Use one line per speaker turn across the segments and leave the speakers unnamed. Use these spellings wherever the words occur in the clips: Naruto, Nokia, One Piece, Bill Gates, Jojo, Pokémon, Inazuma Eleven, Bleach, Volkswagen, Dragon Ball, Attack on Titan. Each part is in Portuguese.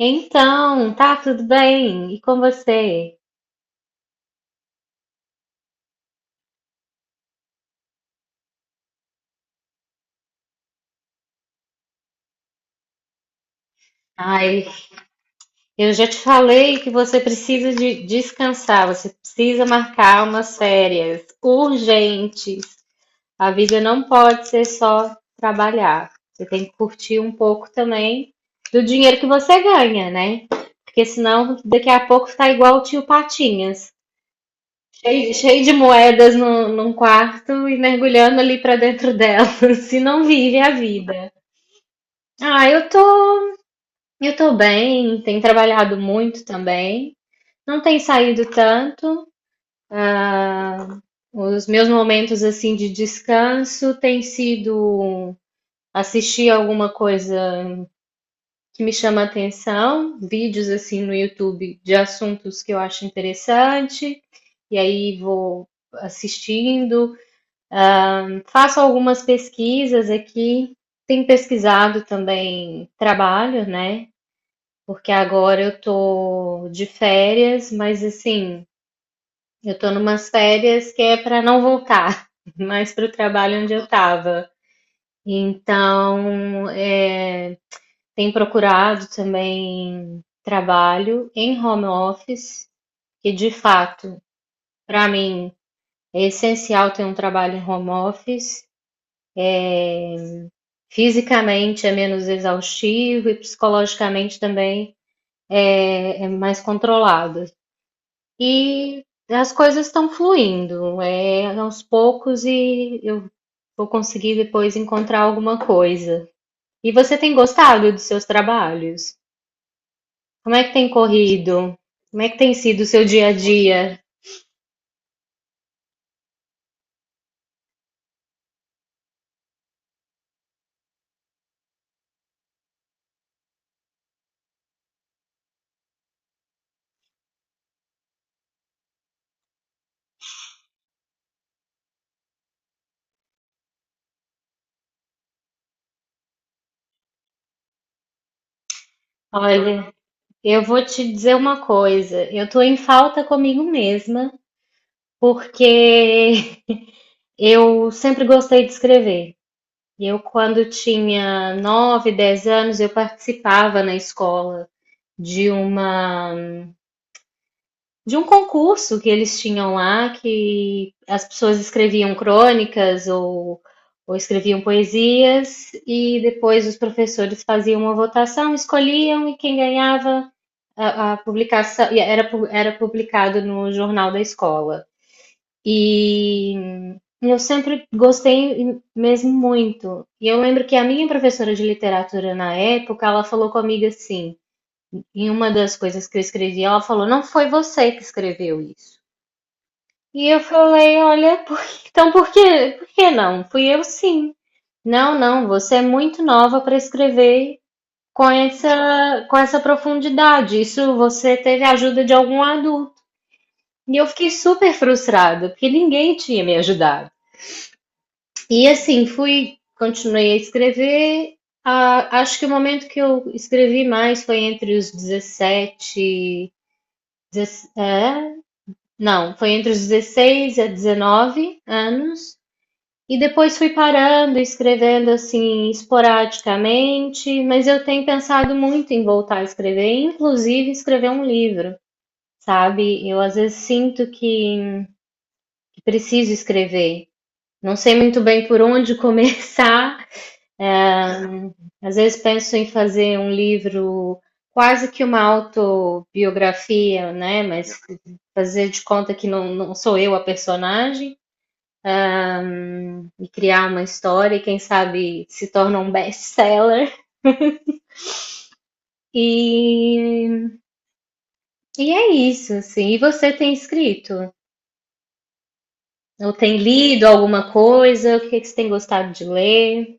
Então, tá tudo bem? E com você? Ai, eu já te falei que você precisa de descansar, você precisa marcar umas férias urgentes. A vida não pode ser só trabalhar. Você tem que curtir um pouco também do dinheiro que você ganha, né? Porque senão daqui a pouco tá igual o tio Patinhas, cheio de moedas no, num quarto e mergulhando ali pra dentro delas, se não vive a vida. Ah, eu tô Eu tô bem, tenho trabalhado muito também. Não tem saído tanto. Os meus momentos assim de descanso têm sido assistir alguma coisa que me chama atenção, vídeos assim no YouTube de assuntos que eu acho interessante, e aí vou assistindo. Faço algumas pesquisas aqui. Tenho pesquisado também trabalho, né? Porque agora eu tô de férias, mas assim, eu tô numas férias que é para não voltar mais para o trabalho onde eu estava. Então, tem procurado também trabalho em home office, que de fato, para mim, é essencial ter um trabalho em home office. Fisicamente é menos exaustivo e psicologicamente também é mais controlado. E as coisas estão fluindo, é aos poucos e eu vou conseguir depois encontrar alguma coisa. E você tem gostado dos seus trabalhos? Como é que tem corrido? Como é que tem sido o seu dia a dia? Olha, eu vou te dizer uma coisa, eu tô em falta comigo mesma, porque eu sempre gostei de escrever. Eu, quando tinha 9 10 anos, eu participava na escola de uma de um concurso que eles tinham lá, que as pessoas escreviam crônicas ou escreviam poesias, e depois os professores faziam uma votação, escolhiam, e quem ganhava a publicação era publicado no jornal da escola. E eu sempre gostei mesmo muito. E eu lembro que a minha professora de literatura na época, ela falou comigo assim, em uma das coisas que eu escrevi, ela falou: "Não foi você que escreveu isso". E eu falei, olha, então por que não? Fui eu sim. Não, não, você é muito nova para escrever com essa profundidade. Isso você teve a ajuda de algum adulto. E eu fiquei super frustrada, porque ninguém tinha me ajudado. E assim, continuei a escrever. Ah, acho que o momento que eu escrevi mais foi entre os 17, 17, é, não, foi entre os 16 a 19 anos. E depois fui parando, escrevendo assim esporadicamente, mas eu tenho pensado muito em voltar a escrever, inclusive escrever um livro, sabe? Eu às vezes sinto que preciso escrever. Não sei muito bem por onde começar. Às vezes penso em fazer um livro quase que uma autobiografia, né? Mas fazer de conta que não sou eu a personagem e criar uma história e quem sabe se torna um best-seller. E, e é isso, assim. E você tem escrito? Ou tem lido alguma coisa? O que que você tem gostado de ler?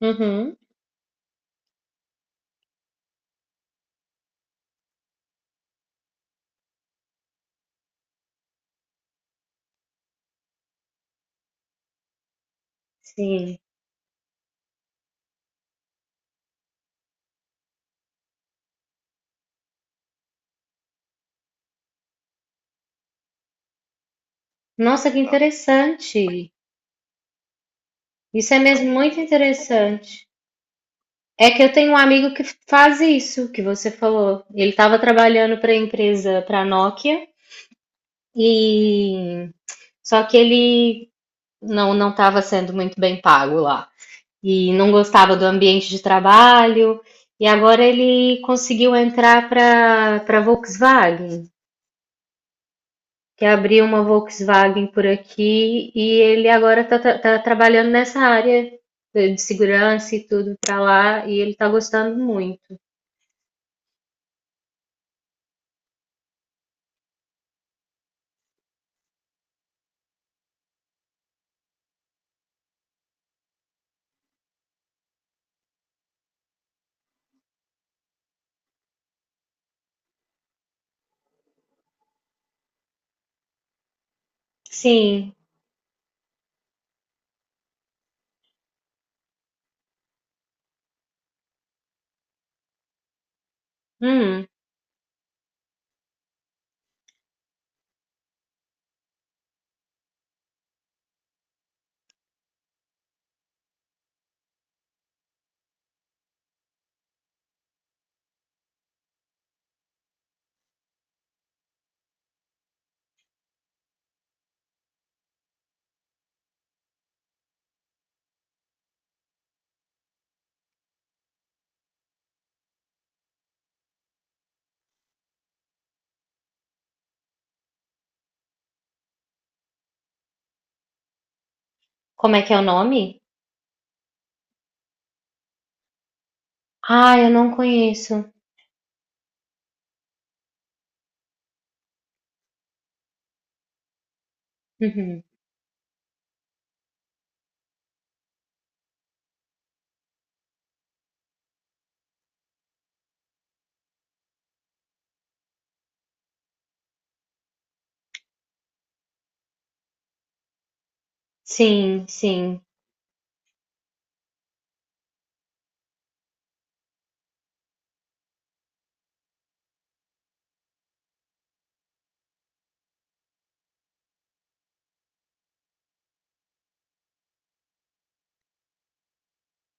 Uhum, sim. Nossa, que interessante. Isso é mesmo muito interessante. É que eu tenho um amigo que faz isso que você falou. Ele estava trabalhando para a empresa, para a Nokia, e só que ele não estava sendo muito bem pago lá, e não gostava do ambiente de trabalho, e agora ele conseguiu entrar para Volkswagen, que abriu uma Volkswagen por aqui, e ele agora está trabalhando nessa área de segurança e tudo para lá, e ele está gostando muito. Sim. Hum. Como é que é o nome? Ah, eu não conheço. Uhum. Sim, sim,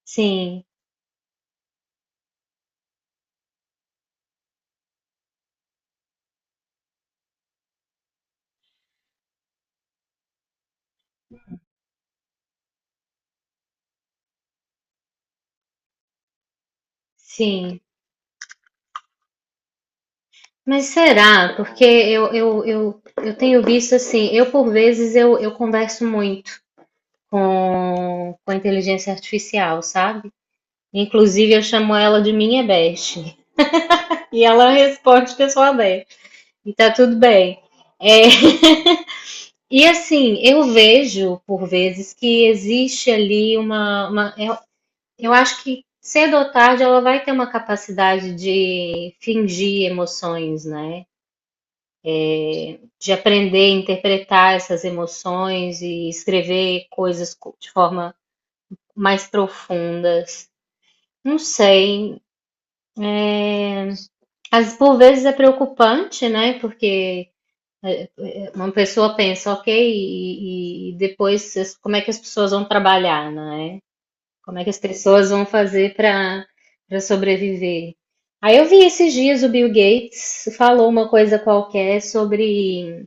sim, sim. Mas será? Porque eu tenho visto assim, eu por vezes eu converso muito com a inteligência artificial, sabe? Inclusive eu chamo ela de minha best. E ela responde pessoalmente. E tá tudo bem. É, e assim, eu vejo por vezes que existe ali eu acho que cedo ou tarde ela vai ter uma capacidade de fingir emoções, né? De aprender a interpretar essas emoções e escrever de forma mais profundas. Não sei. Às, por vezes é preocupante, né? Porque uma pessoa pensa, ok, como é que as pessoas vão trabalhar, né? Como é que as pessoas vão fazer para sobreviver? Aí eu vi esses dias o Bill Gates falou uma coisa qualquer sobre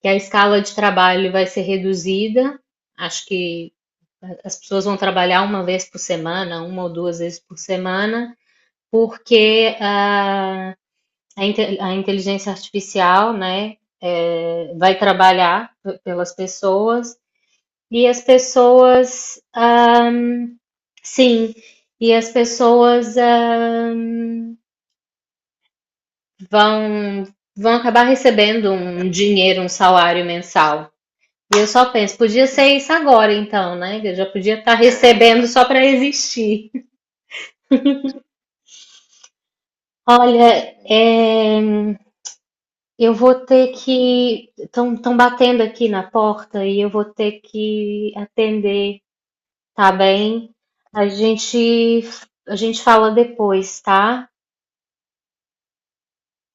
que a escala de trabalho vai ser reduzida. Acho que as pessoas vão trabalhar uma vez por semana, uma ou duas vezes por semana, porque a inteligência artificial né, vai trabalhar pelas pessoas e sim, as pessoas vão, vão acabar recebendo um dinheiro, um salário mensal. E eu só penso, podia ser isso agora então, né? Eu já podia estar recebendo só para existir. Olha, eu vou ter que. Estão batendo aqui na porta e eu vou ter que atender, tá bem? A gente, a gente fala depois, tá?